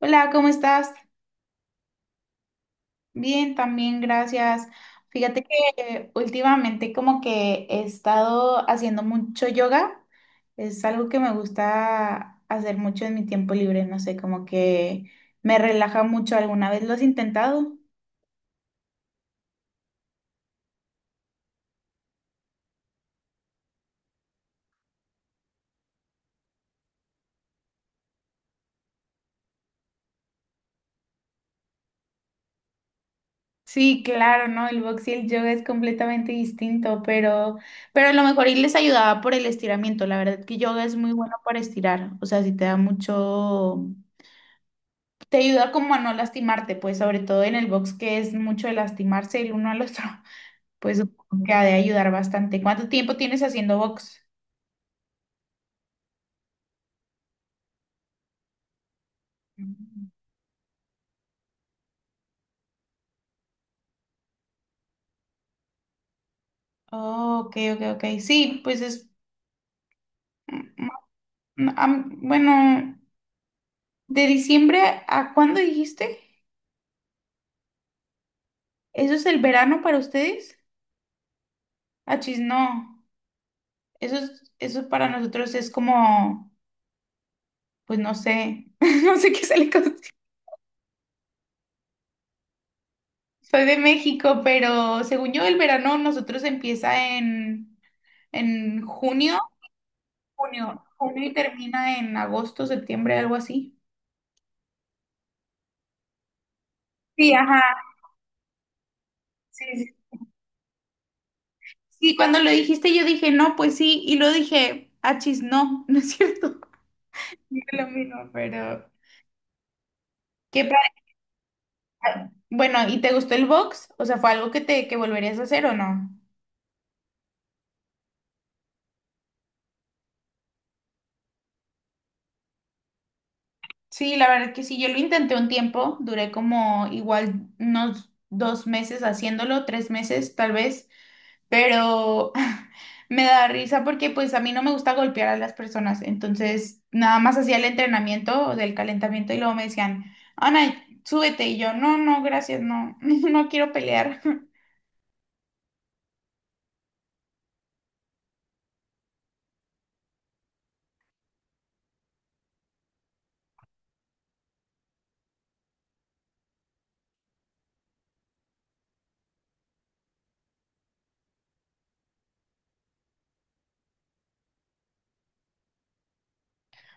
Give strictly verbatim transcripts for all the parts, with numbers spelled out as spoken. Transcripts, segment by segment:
Hola, ¿cómo estás? Bien, también, gracias. Fíjate que últimamente como que he estado haciendo mucho yoga. Es algo que me gusta hacer mucho en mi tiempo libre, no sé, como que me relaja mucho. ¿Alguna vez lo has intentado? Sí, claro, ¿no? El box y el yoga es completamente distinto, pero, pero a lo mejor y les ayudaba por el estiramiento. La verdad que yoga es muy bueno para estirar, o sea, si te da mucho. Te ayuda como a no lastimarte, pues sobre todo en el box que es mucho de lastimarse el uno al otro, pues supongo que ha de ayudar bastante. ¿Cuánto tiempo tienes haciendo box? Mm. Oh, ok, ok, ok. Sí, pues es, mm, mm, am- bueno, de diciembre ¿a cuándo dijiste? ¿Eso es el verano para ustedes? Achis, no. Eso es, eso para nosotros es como, pues no sé, no sé qué se le con- Soy de México, pero según yo el verano nosotros empieza en En junio, junio, junio y termina en agosto, septiembre, algo así. Sí, ajá, sí, sí. Sí, cuando lo dijiste yo dije, no, pues sí, y lo dije, achis, no, no es cierto. No es lo mismo, pero... ¿Qué padre? Bueno, ¿y te gustó el box? O sea, ¿fue algo que te que volverías a hacer o no? Sí, la verdad que sí, yo lo intenté un tiempo, duré como igual unos dos meses haciéndolo, tres meses tal vez, pero me da risa porque pues a mí no me gusta golpear a las personas, entonces nada más hacía el entrenamiento del calentamiento y luego me decían, Ana, súbete y yo, no, no, gracias, no, no quiero pelear.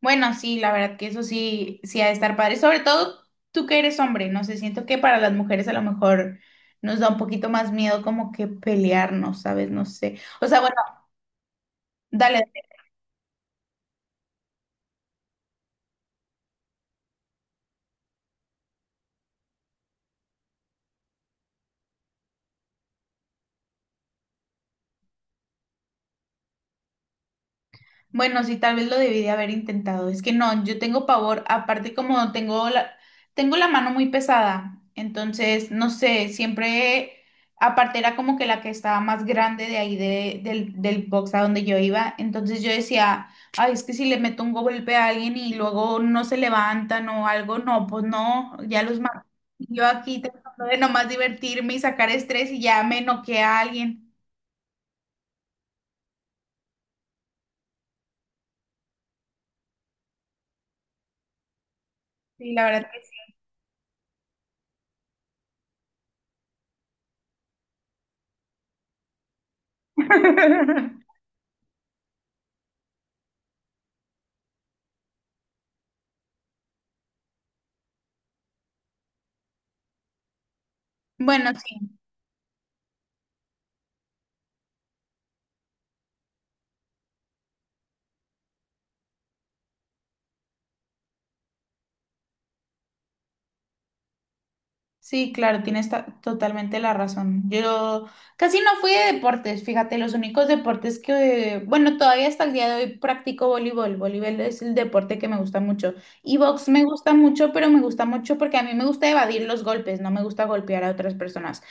Bueno, sí, la verdad que eso sí, sí ha de estar padre, sobre todo tú que eres hombre, no sé, siento que para las mujeres a lo mejor nos da un poquito más miedo como que pelearnos, ¿sabes? No sé. O sea, bueno, dale. Bueno, sí, tal vez lo debí de haber intentado. Es que no, yo tengo pavor, aparte como tengo la, tengo la mano muy pesada, entonces, no sé, siempre, aparte era como que la que estaba más grande de ahí de- del, del box a donde yo iba, entonces yo decía, ay, es que si le meto un golpe a alguien y luego no se levantan o algo, no, pues no, ya los mato. Yo aquí tratando de nomás divertirme y sacar estrés y ya me noqué a alguien. Sí, la verdad que sí. Bueno, sí. Sí, claro, tienes ta- totalmente la razón. Yo casi no fui de deportes, fíjate, los únicos deportes que, bueno, todavía hasta el día de hoy practico voleibol. Voleibol es el deporte que me gusta mucho. Y box me gusta mucho, pero me gusta mucho porque a mí me gusta evadir los golpes, no me gusta golpear a otras personas.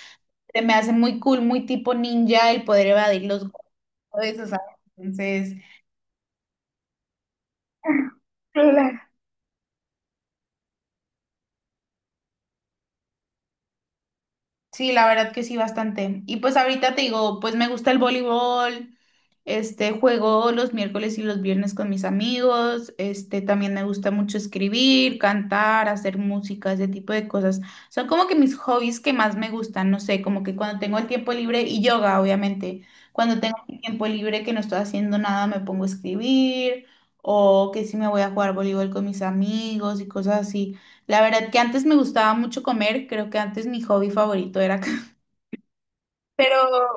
Se me hace muy cool, muy tipo ninja el poder evadir los golpes, o sea, entonces... Claro. Sí, la verdad que sí, bastante. Y pues ahorita te digo, pues me gusta el voleibol, este, juego los miércoles y los viernes con mis amigos. Este, también me gusta mucho escribir, cantar, hacer música, ese tipo de cosas. Son como que mis hobbies que más me gustan, no sé, como que cuando tengo el tiempo libre y yoga, obviamente. Cuando tengo el tiempo libre que no estoy haciendo nada, me pongo a escribir o que si me voy a jugar voleibol con mis amigos y cosas así. La verdad que antes me gustaba mucho comer, creo que antes mi hobby favorito era, pero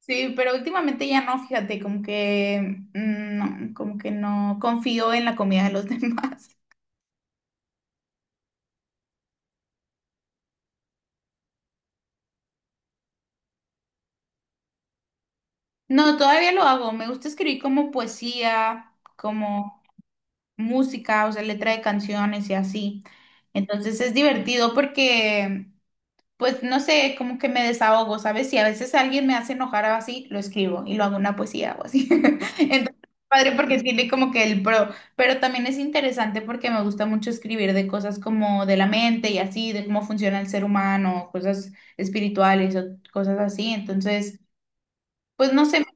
sí, pero últimamente ya no, fíjate, como que mm, no, como que no confío en la comida de los demás. No, todavía lo hago. Me gusta escribir como poesía, como música, o sea, letra de canciones y así. Entonces es divertido porque pues no sé, como que me desahogo, ¿sabes? Si a veces alguien me hace enojar o así, lo escribo y lo hago una poesía o así. Entonces, padre, porque tiene como que el pro, pero también es interesante porque me gusta mucho escribir de cosas como de la mente y así, de cómo funciona el ser humano, cosas espirituales o cosas así. Entonces, pues no sé,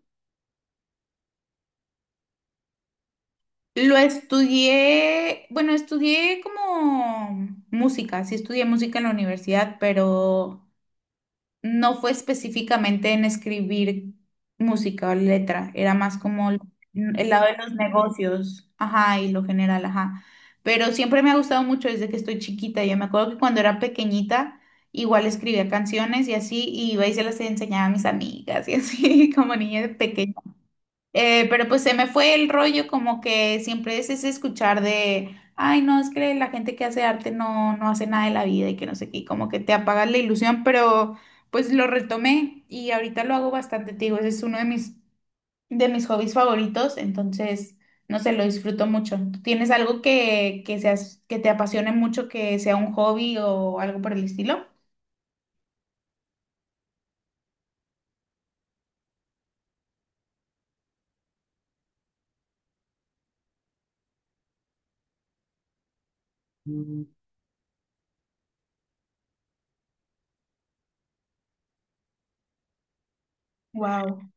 lo estudié, bueno, estudié como música, sí estudié música en la universidad, pero... No fue específicamente en escribir música o letra, era más como el el lado de los negocios, ajá, y lo general, ajá. Pero siempre me ha gustado mucho desde que estoy chiquita. Yo me acuerdo que cuando era pequeñita, igual escribía canciones y así, y iba y se las enseñaba a mis amigas y así, como niña de eh, pero pues se me fue el rollo como que siempre es ese escuchar de, ay, no, es que la gente que hace arte no, no hace nada de la vida y que no sé qué, y como que te apagas la ilusión, pero pues lo retomé y ahorita lo hago bastante, te digo, ese es uno de mis, de mis hobbies favoritos, entonces, no sé, lo disfruto mucho. ¿Tú tienes algo que, que seas, que te apasione mucho, que sea un hobby o algo por el estilo? Wow.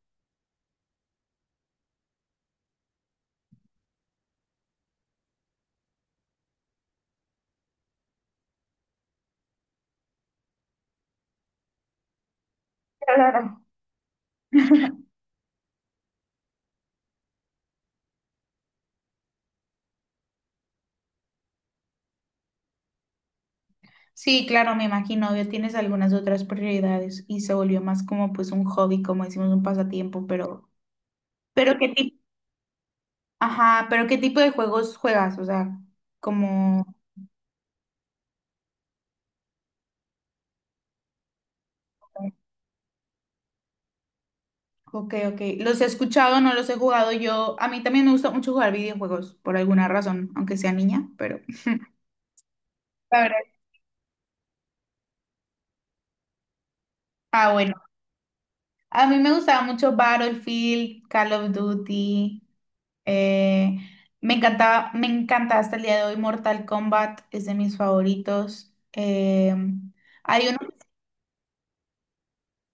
Sí, claro, me imagino, obvio, tienes algunas otras prioridades y se volvió más como pues un hobby, como decimos, un pasatiempo, pero, pero qué tipo, ajá, pero qué tipo de juegos juegas, o sea, como, ok, ok, los he escuchado, no los he jugado yo, a mí también me gusta mucho jugar videojuegos, por alguna razón, aunque sea niña, pero, la verdad, ah, bueno, a mí me gustaba mucho Battlefield, Call of Duty, Eh, me encanta, me encanta hasta el día de hoy Mortal Kombat, es de mis favoritos. Eh, hay uno que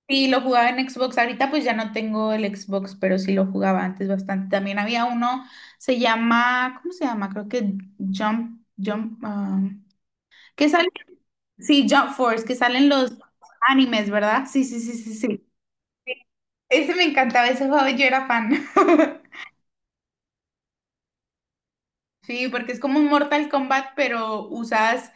sí lo jugaba en Xbox, ahorita pues ya no tengo el Xbox, pero sí lo jugaba antes bastante. También había uno, se llama, ¿cómo se llama? Creo que Jump, Jump, ah, ¿qué sale? Sí, Jump Force, que salen los animes, ¿verdad? Sí, sí, sí, sí, sí. Ese me encantaba, ese juego yo era fan. Sí, porque es como un Mortal Kombat, pero usas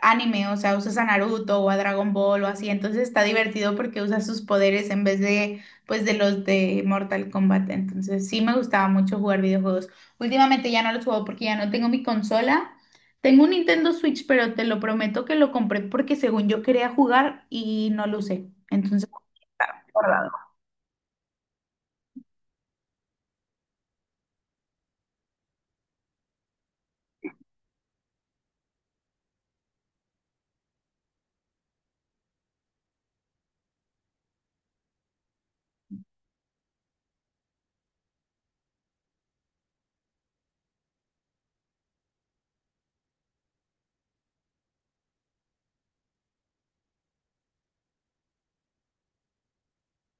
anime, o sea, usas a Naruto o a Dragon Ball o así, entonces está divertido porque usas sus poderes en vez de, pues, de los de Mortal Kombat, entonces sí me gustaba mucho jugar videojuegos. Últimamente ya no los juego porque ya no tengo mi consola. Tengo un Nintendo Switch, pero te lo prometo que lo compré porque según yo quería jugar y no lo usé. Entonces, está guardado.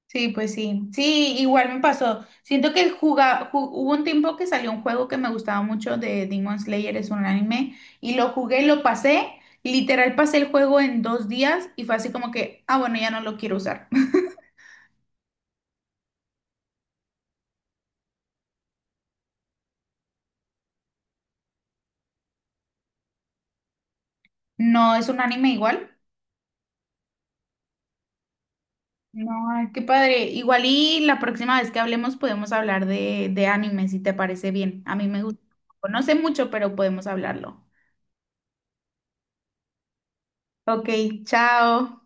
Sí, pues sí. Sí, igual me pasó. Siento que juga- ju- hubo un tiempo que salió un juego que me gustaba mucho de Demon Slayer, es un anime, y lo jugué, lo pasé, literal pasé el juego en dos días y fue así como que, ah, bueno, ya no lo quiero usar. No, es un anime igual. No, ay, qué padre. Igual y la próxima vez que hablemos podemos hablar de, de anime, si te parece bien. A mí me gusta. No sé mucho, pero podemos hablarlo. Ok, chao.